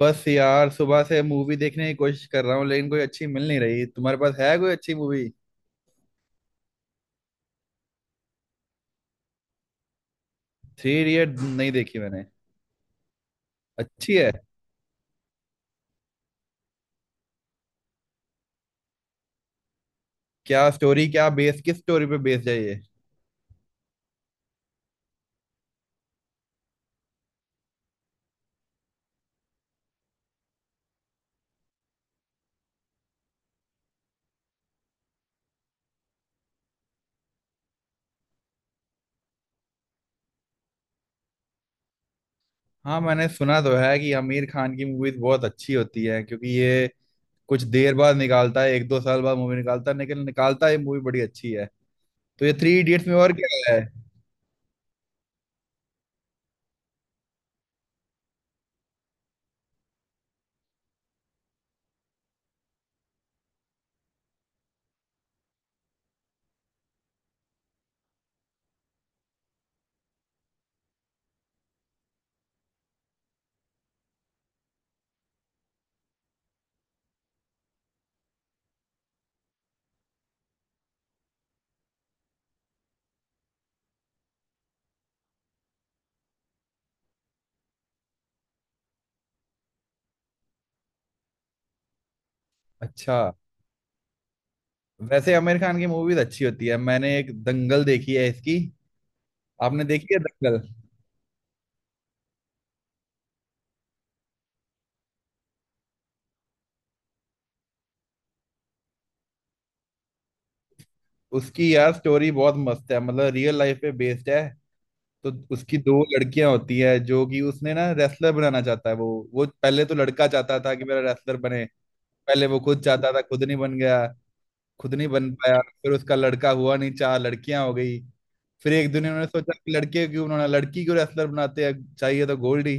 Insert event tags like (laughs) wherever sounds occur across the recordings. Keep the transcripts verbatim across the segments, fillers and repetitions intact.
बस यार सुबह से मूवी देखने की कोशिश कर रहा हूँ, लेकिन कोई अच्छी मिल नहीं रही। तुम्हारे पास है कोई अच्छी मूवी? थ्री इडियट नहीं देखी मैंने। अच्छी है? क्या स्टोरी, क्या बेस, किस स्टोरी पे बेस्ड है ये? हाँ, मैंने सुना तो है कि आमिर खान की मूवीज बहुत अच्छी होती है, क्योंकि ये कुछ देर बाद निकालता है, एक दो साल बाद मूवी निकालता है, लेकिन निकालता है, ये मूवी बड़ी अच्छी है। तो ये थ्री इडियट्स में और क्या है? अच्छा। वैसे आमिर खान की मूवीज अच्छी होती है, मैंने एक दंगल देखी है इसकी। आपने देखी है दंगल? उसकी यार स्टोरी बहुत मस्त है, मतलब रियल लाइफ पे बेस्ड है। तो उसकी दो लड़कियां होती है, जो कि उसने ना रेसलर बनाना चाहता है वो। वो पहले तो लड़का चाहता था कि मेरा रेसलर बने। पहले वो खुद चाहता था, खुद नहीं बन गया। खुद नहीं बन पाया, फिर उसका लड़का हुआ नहीं, चार लड़कियां हो गई। फिर एक दिन उन्होंने सोचा कि लड़के क्यों, उन्होंने लड़की क्यों रेसलर बनाते हैं, चाहिए तो गोल्ड ही।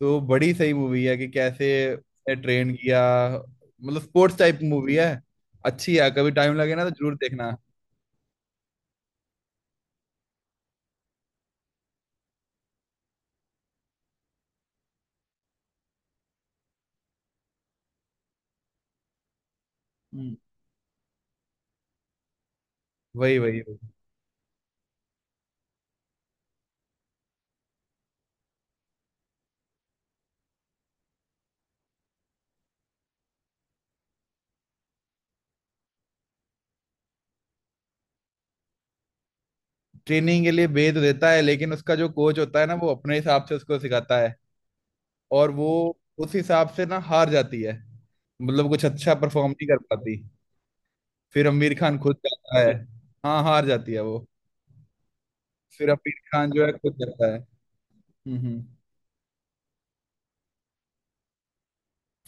तो बड़ी सही मूवी है कि कैसे ट्रेन किया। मतलब स्पोर्ट्स टाइप मूवी है। अच्छी है, कभी टाइम लगे ना तो जरूर देखना। हम्म। वही वही वही। ट्रेनिंग के लिए भेज तो देता है, लेकिन उसका जो कोच होता है ना वो अपने हिसाब से उसको सिखाता है। और वो उस हिसाब से ना हार जाती है। मतलब कुछ अच्छा परफॉर्म नहीं कर पाती। फिर आमिर खान खुद जाता है। हाँ, हार जाती है वो। फिर आमिर खान जो है खुद जाता है। हम्म हम्म।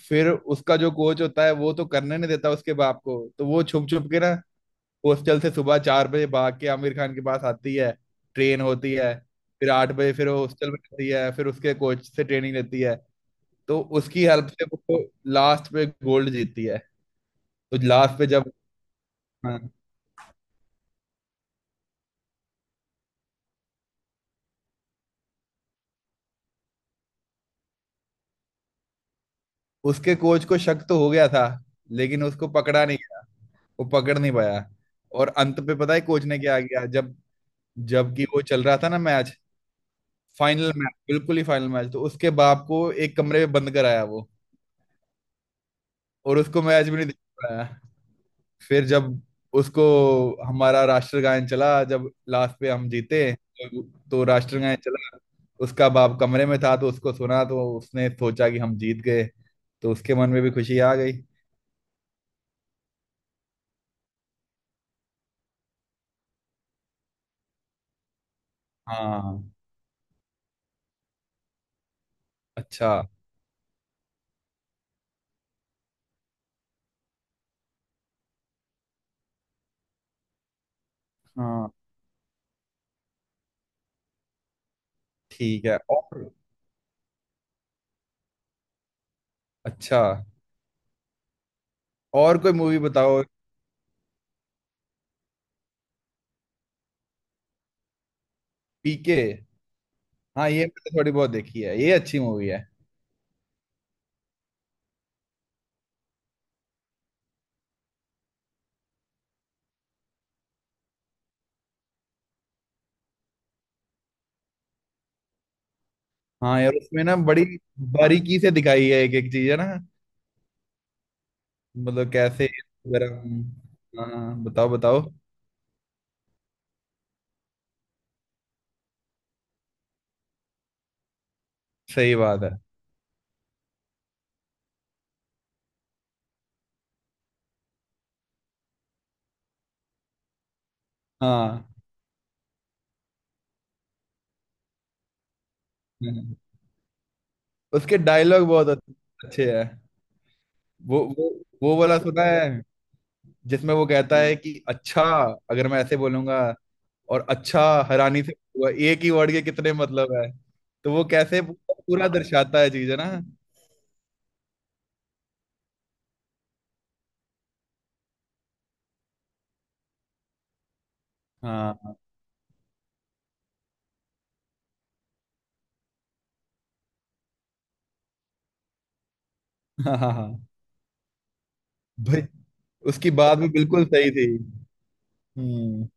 फिर उसका जो कोच होता है वो तो करने नहीं देता उसके बाप को, तो वो छुप छुप के ना हॉस्टल से सुबह चार बजे भाग के आमिर खान के पास आती है, ट्रेन होती है। फिर आठ बजे फिर वो हॉस्टल में रहती है, फिर उसके कोच से ट्रेनिंग लेती है। तो उसकी हेल्प से वो लास्ट पे गोल्ड जीतती है। तो लास्ट पे जब, हाँ, उसके कोच को शक तो हो गया था, लेकिन उसको पकड़ा नहीं गया। वो पकड़ नहीं पाया। और अंत पे पता है कोच ने क्या किया, जब जबकि वो चल रहा था ना मैच, फाइनल मैच, बिल्कुल ही फाइनल मैच, तो उसके बाप को एक कमरे में बंद कराया वो, और उसको मैच भी नहीं देख पाया। फिर जब उसको हमारा राष्ट्रगान चला, जब लास्ट पे हम जीते, तो, तो राष्ट्रगान चला। उसका बाप कमरे में था, तो उसको सुना, तो उसने सोचा कि हम जीत गए, तो उसके मन में भी खुशी आ गई। हाँ। अच्छा। हाँ। ठीक है। और अच्छा, और कोई मूवी बताओ? पीके। हाँ, ये मैंने थोड़ी बहुत देखी है, ये अच्छी मूवी है। हाँ यार, उसमें ना बड़ी बारीकी से दिखाई है एक एक चीज, है ना। मतलब कैसे गरम। हाँ, बताओ बताओ। सही बात है। हाँ। हम्म। उसके डायलॉग बहुत अच्छे हैं। वो वो वो वाला सुना है? जिसमें वो कहता है कि अच्छा, अगर मैं ऐसे बोलूंगा, और अच्छा, हैरानी से, हुआ, एक ही वर्ड के कितने मतलब है। तो वो कैसे पूरा दर्शाता है चीज, है ना। हाँ (laughs) हाँ हाँ हाँ भाई। उसकी बात भी बिल्कुल सही थी। हम्म।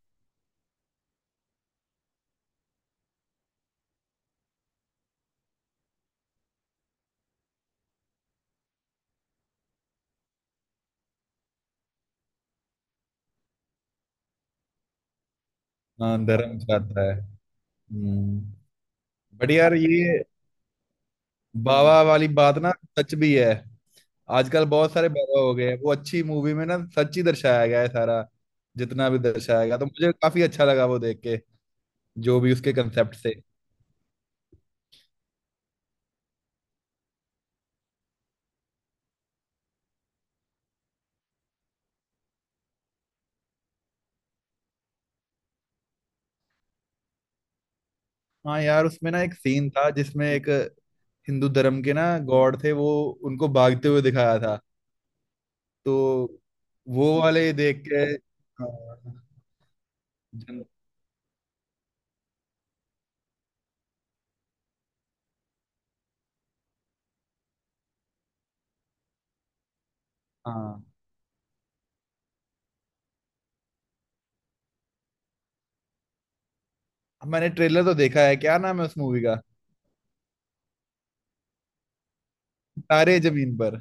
हाँ, धर्म चाहता है। हम्म। बट यार ये बाबा वाली बात ना सच भी है। आजकल बहुत सारे बाबा हो गए हैं। वो अच्छी मूवी में ना सच ही दर्शाया गया है सारा, जितना भी दर्शाया गया, तो मुझे काफी अच्छा लगा वो देख के, जो भी उसके कंसेप्ट से। हाँ यार, उसमें ना एक सीन था जिसमें एक हिंदू धर्म के ना गॉड थे वो, उनको भागते हुए दिखाया था। तो वो वाले देख के, हाँ, जन- हाँ। मैंने ट्रेलर तो देखा है, क्या नाम है उस मूवी का? तारे जमीन पर।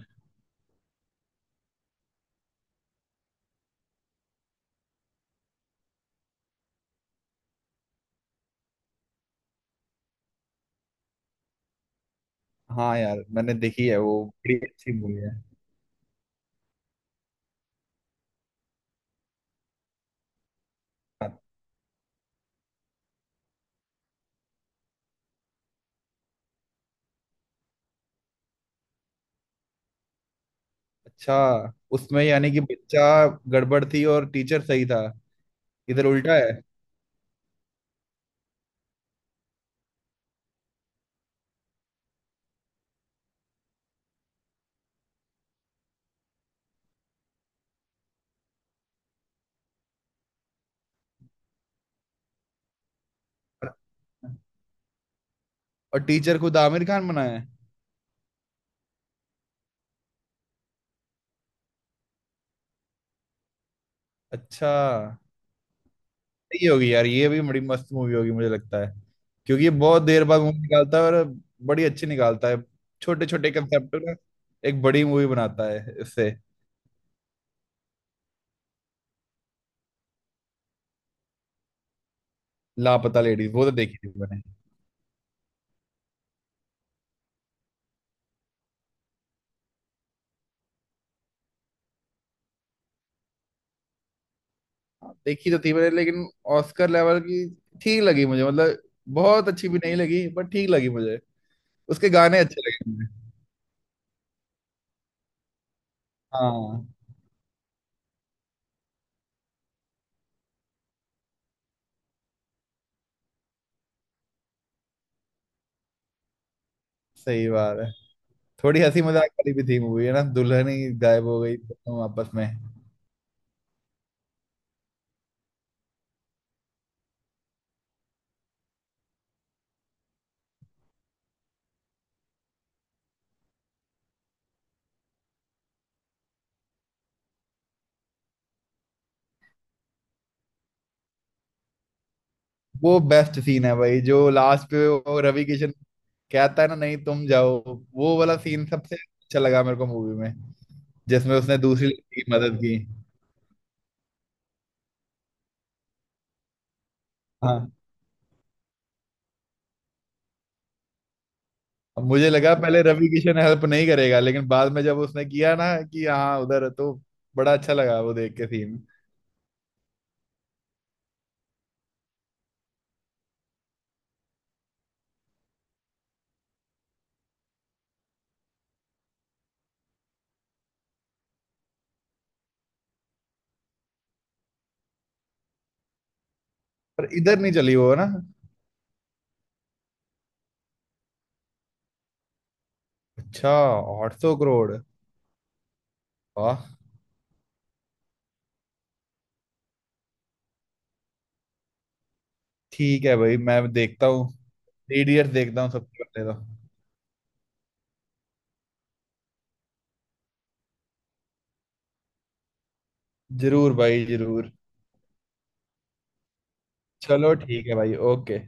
हाँ यार, मैंने देखी है, वो बड़ी अच्छी मूवी है। अच्छा, उसमें यानी कि बच्चा गड़बड़ थी और टीचर सही था, इधर उल्टा है। और टीचर खुद आमिर खान बना है? अच्छा। सही होगी यार, ये भी बड़ी मस्त मूवी होगी मुझे लगता है, क्योंकि ये बहुत देर बाद मूवी निकालता है, और बड़ी अच्छी निकालता है। छोटे छोटे कंसेप्ट ना एक बड़ी मूवी बनाता है इससे। लापता लेडीज, वो तो देखी थी मैंने। हाँ, देखी तो थी मैंने, लेकिन ऑस्कर लेवल की ठीक लगी मुझे, मतलब बहुत अच्छी भी नहीं लगी, पर ठीक लगी मुझे। उसके गाने अच्छे लगे मुझे। हाँ। सही बात है। थोड़ी हंसी मजाक वाली भी थी मूवी, है ना, दुल्हन ही गायब हो गई दोनों आपस में। वो बेस्ट सीन है भाई जो लास्ट पे, वो रवि किशन कहता है ना, नहीं तुम जाओ। वो वाला सीन सबसे अच्छा लगा मेरे को मूवी में, जिसमें उसने दूसरी लड़की की मदद की। हाँ। अब मुझे लगा पहले रवि किशन हेल्प नहीं करेगा, लेकिन बाद में जब उसने किया ना, कि हाँ उधर है, तो बड़ा अच्छा लगा वो देख के सीन। पर इधर नहीं चली वो ना। अच्छा। आठ सौ करोड़? वाह। ठीक है भाई, मैं देखता हूँ। थ्री देखता हूँ सबसे पहले तो। जरूर भाई जरूर। चलो ठीक है भाई, ओके।